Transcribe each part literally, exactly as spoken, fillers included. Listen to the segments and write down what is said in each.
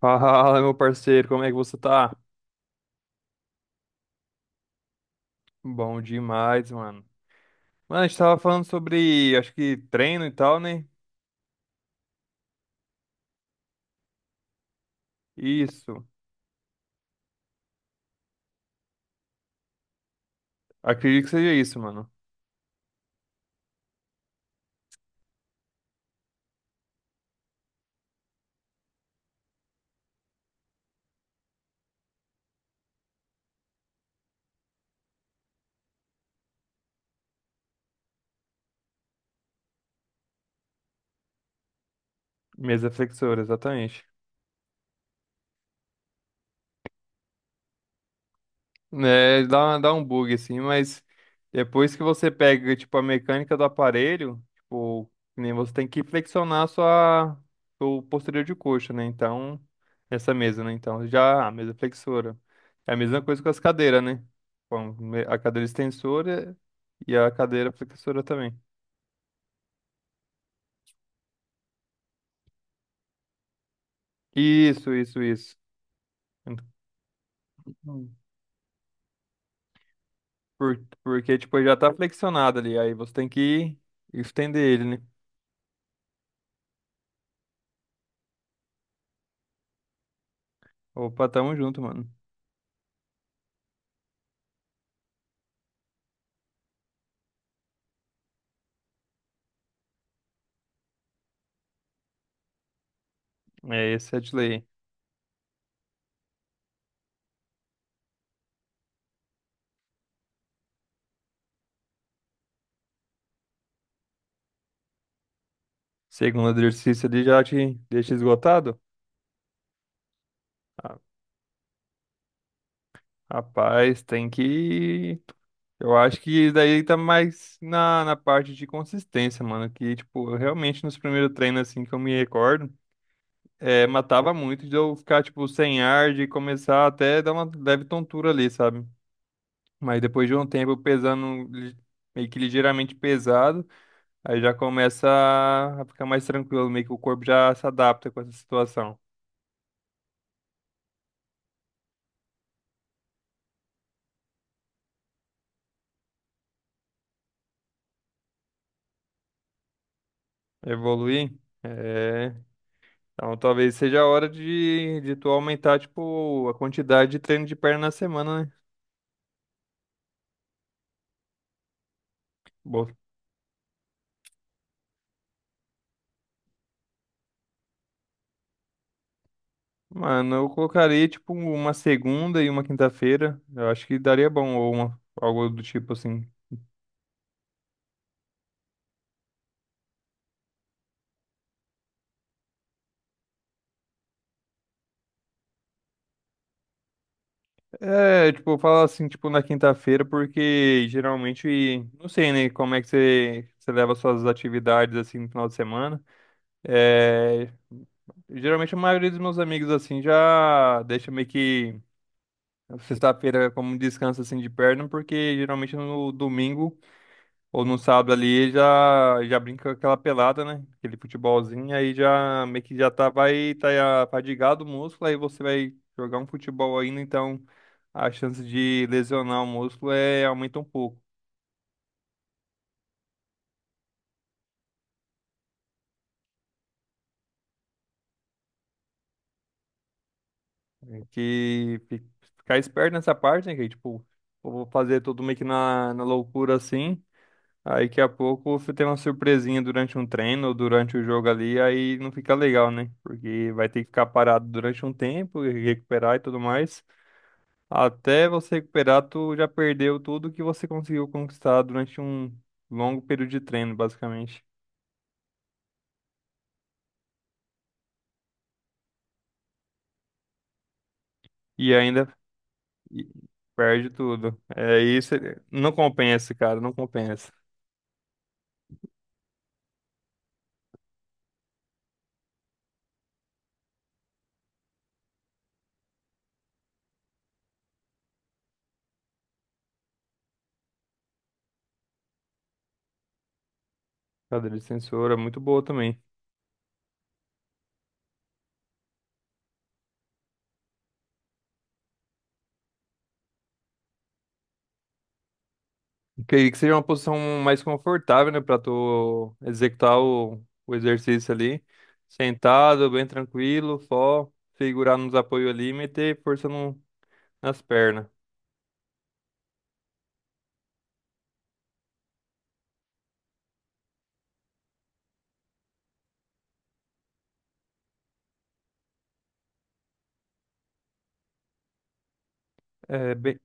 Fala, meu parceiro, como é que você tá? Bom demais, mano. Mano, a gente tava falando sobre, acho que treino e tal, né? Isso. Acredito que seja isso, mano. Mesa flexora, exatamente. É, dá, uma- dá um bug assim, mas depois que você pega, tipo, a mecânica do aparelho, tipo, que nem você tem que flexionar a sua, o posterior de coxa, né? Então, essa mesa, né? Então, já a mesa flexora. É a mesma coisa com as cadeiras, né? Bom, me- a cadeira extensora e a cadeira flexora também. Isso, isso, isso. Hum. Por, porque, tipo, ele já tá flexionado ali, aí você tem que estender ele, né? Opa, tamo junto, mano. É, esse é de lei. Segundo exercício ali já te deixa esgotado? Ah, rapaz, tem que. Eu acho que daí tá mais na, na parte de consistência, mano. Que, tipo, eu realmente nos primeiros treinos, assim, que eu me recordo, é, matava muito de eu ficar, tipo, sem ar, de começar até dar uma leve tontura ali, sabe? Mas depois de um tempo pesando, li- meio que ligeiramente pesado, aí já começa a ficar mais tranquilo, meio que o corpo já se adapta com essa situação. Evoluir. É, então, talvez seja a hora de, de tu aumentar, tipo, a quantidade de treino de perna na semana, né? Bo- Mano, eu colocaria, tipo, uma segunda e uma quinta-feira. Eu acho que daria bom, ou uma- algo do tipo assim. É, tipo, eu falo assim, tipo, na quinta-feira, porque geralmente, não sei, né, como é que você, você leva suas atividades, assim, no final de semana. É, geralmente a maioria dos meus amigos, assim, já deixa meio que. Sexta-feira é como um descanso assim de perna, porque geralmente no domingo ou no sábado ali já já brinca aquela pelada, né? Aquele futebolzinho, aí já meio que já tá vai tá fadigado o músculo, aí você vai jogar um futebol ainda, então a chance de lesionar o músculo é aumenta um pouco. É que fi- ficar esperto nessa parte, né? Que tipo, eu vou fazer tudo meio que na, na loucura assim. Aí daqui a pouco você tem uma surpresinha durante um treino ou durante o jogo ali, aí não fica legal, né? Porque vai ter que ficar parado durante um tempo, e recuperar e tudo mais. Até você recuperar, tu já perdeu tudo que você conseguiu conquistar durante um longo período de treino, basicamente. E ainda E perde tudo. É isso, não compensa, cara, não compensa. Cadeira de sensor é muito boa também. Creio que seja uma posição mais confortável, né, para tu executar o, o exercício ali, sentado, bem tranquilo, só segurar nos apoios ali e meter força no, nas pernas. É bem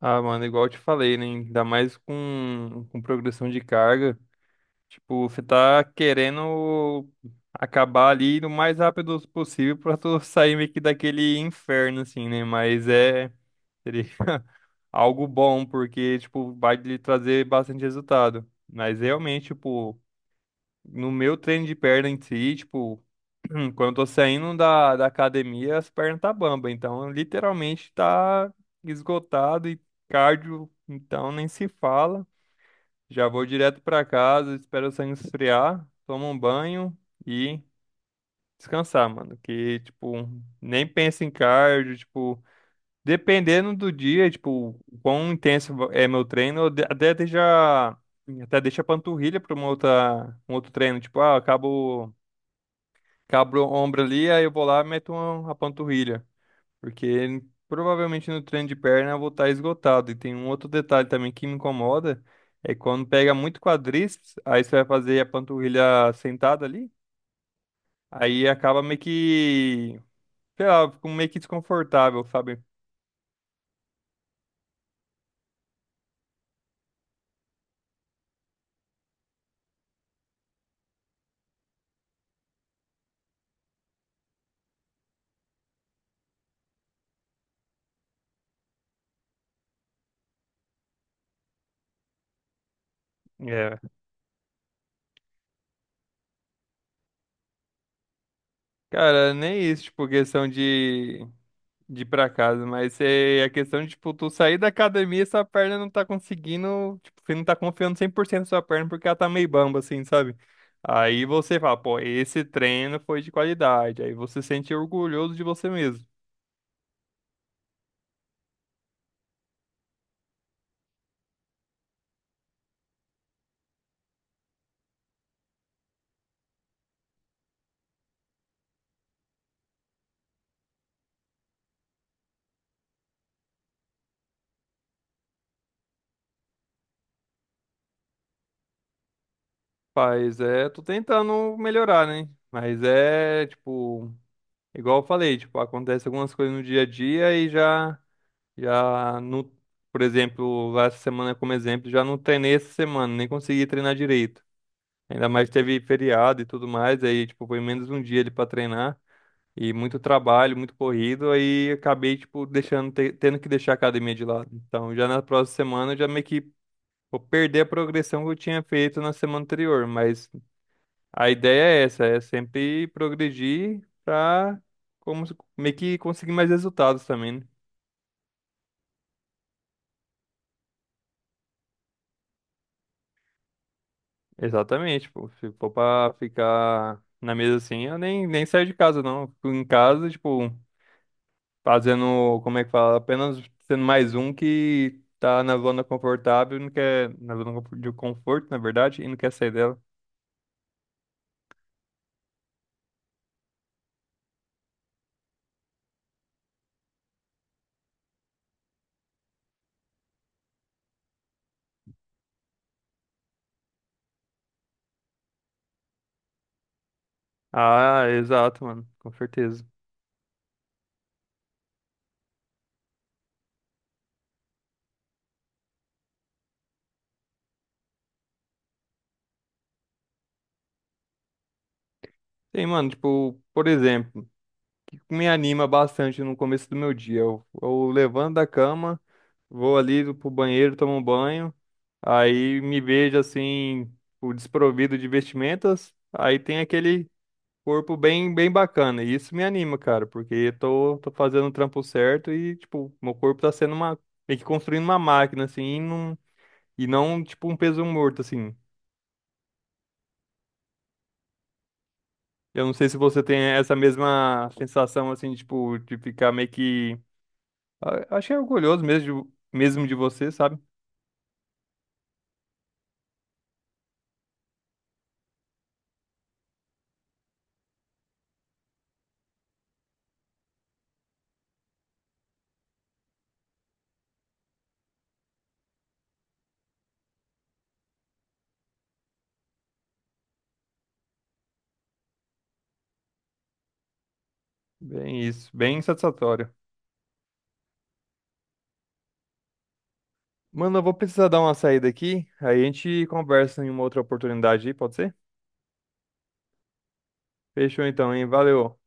Ah, mano, igual eu te falei, né? Ainda mais com, com progressão de carga. Tipo, você tá querendo acabar ali no mais rápido possível pra tu sair meio que daquele inferno, assim, né? Mas é seria algo bom, porque, tipo, vai lhe trazer bastante resultado. Mas realmente, tipo, no meu treino de perna em si, tipo, Hum, quando eu tô saindo da, da academia, as pernas tá bamba, então literalmente tá esgotado e cardio, então nem se fala. Já vou direto pra casa, espero o sangue esfriar, tomo um banho e descansar, mano. Que, tipo, nem penso em cardio, tipo, dependendo do dia, tipo, o quão intenso é meu treino, eu de- até deixa, até deixa a panturrilha pra uma outra, um outro treino, tipo, ah, acabo. Cabro o ombro ali, aí eu vou lá e meto uma, a panturrilha. Porque provavelmente no treino de perna eu vou estar esgotado. E tem um outro detalhe também que me incomoda, é quando pega muito quadríceps, aí você vai fazer a panturrilha sentada ali, aí acaba meio que, sei lá, eu fico meio que desconfortável, sabe? É. Cara, nem isso, tipo, questão de de ir pra casa, mas é a questão de, tipo, tu sair da academia e sua perna não tá conseguindo, tipo, você não tá confiando cem por cento na sua perna porque ela tá meio bamba, assim, sabe? Aí você fala, pô, esse treino foi de qualidade, aí você se sente orgulhoso de você mesmo. Paz, é, tô tentando melhorar, né? Mas é, tipo, igual eu falei, tipo, acontece algumas coisas no dia a dia e já, já no, por exemplo, lá essa semana como exemplo, já não treinei essa semana, nem consegui treinar direito. Ainda mais que teve feriado e tudo mais, aí, tipo, foi menos um dia ali pra treinar. E muito trabalho, muito corrido, aí acabei, tipo, deixando, te- tendo que deixar a academia de lado. Então, já na próxima semana, eu já meio que vou perder a progressão que eu tinha feito na semana anterior. Mas a ideia é essa, é sempre progredir pra como, se- meio que conseguir mais resultados também, né? Exatamente, pô. Se for pra ficar na mesa assim, eu nem, nem saio de casa, não. Fico em casa, tipo. Fazendo, como é que fala? Apenas sendo mais um que tá na zona confortável, e não quer, na zona confo- de conforto, na verdade, e não quer sair dela. Ah, exato, mano, com certeza. Tem, mano, tipo, por exemplo, o que me anima bastante no começo do meu dia. Eu, eu levanto da cama, vou ali pro banheiro, tomo um banho, aí me vejo assim, o desprovido de vestimentas. Aí tem aquele corpo bem, bem bacana. E isso me anima, cara, porque eu tô, tô fazendo o trampo certo e, tipo, meu corpo tá sendo uma, meio que construindo uma máquina, assim, e não, e não, tipo, um peso morto, assim. Eu não sei se você tem essa mesma sensação, assim, tipo, de ficar meio que, a- achei orgulhoso mesmo, de- mesmo de você, sabe? Bem isso, bem satisfatório. Mano, eu vou precisar dar uma saída aqui, aí a gente conversa em uma outra oportunidade aí, pode ser? Fechou então, hein? Valeu.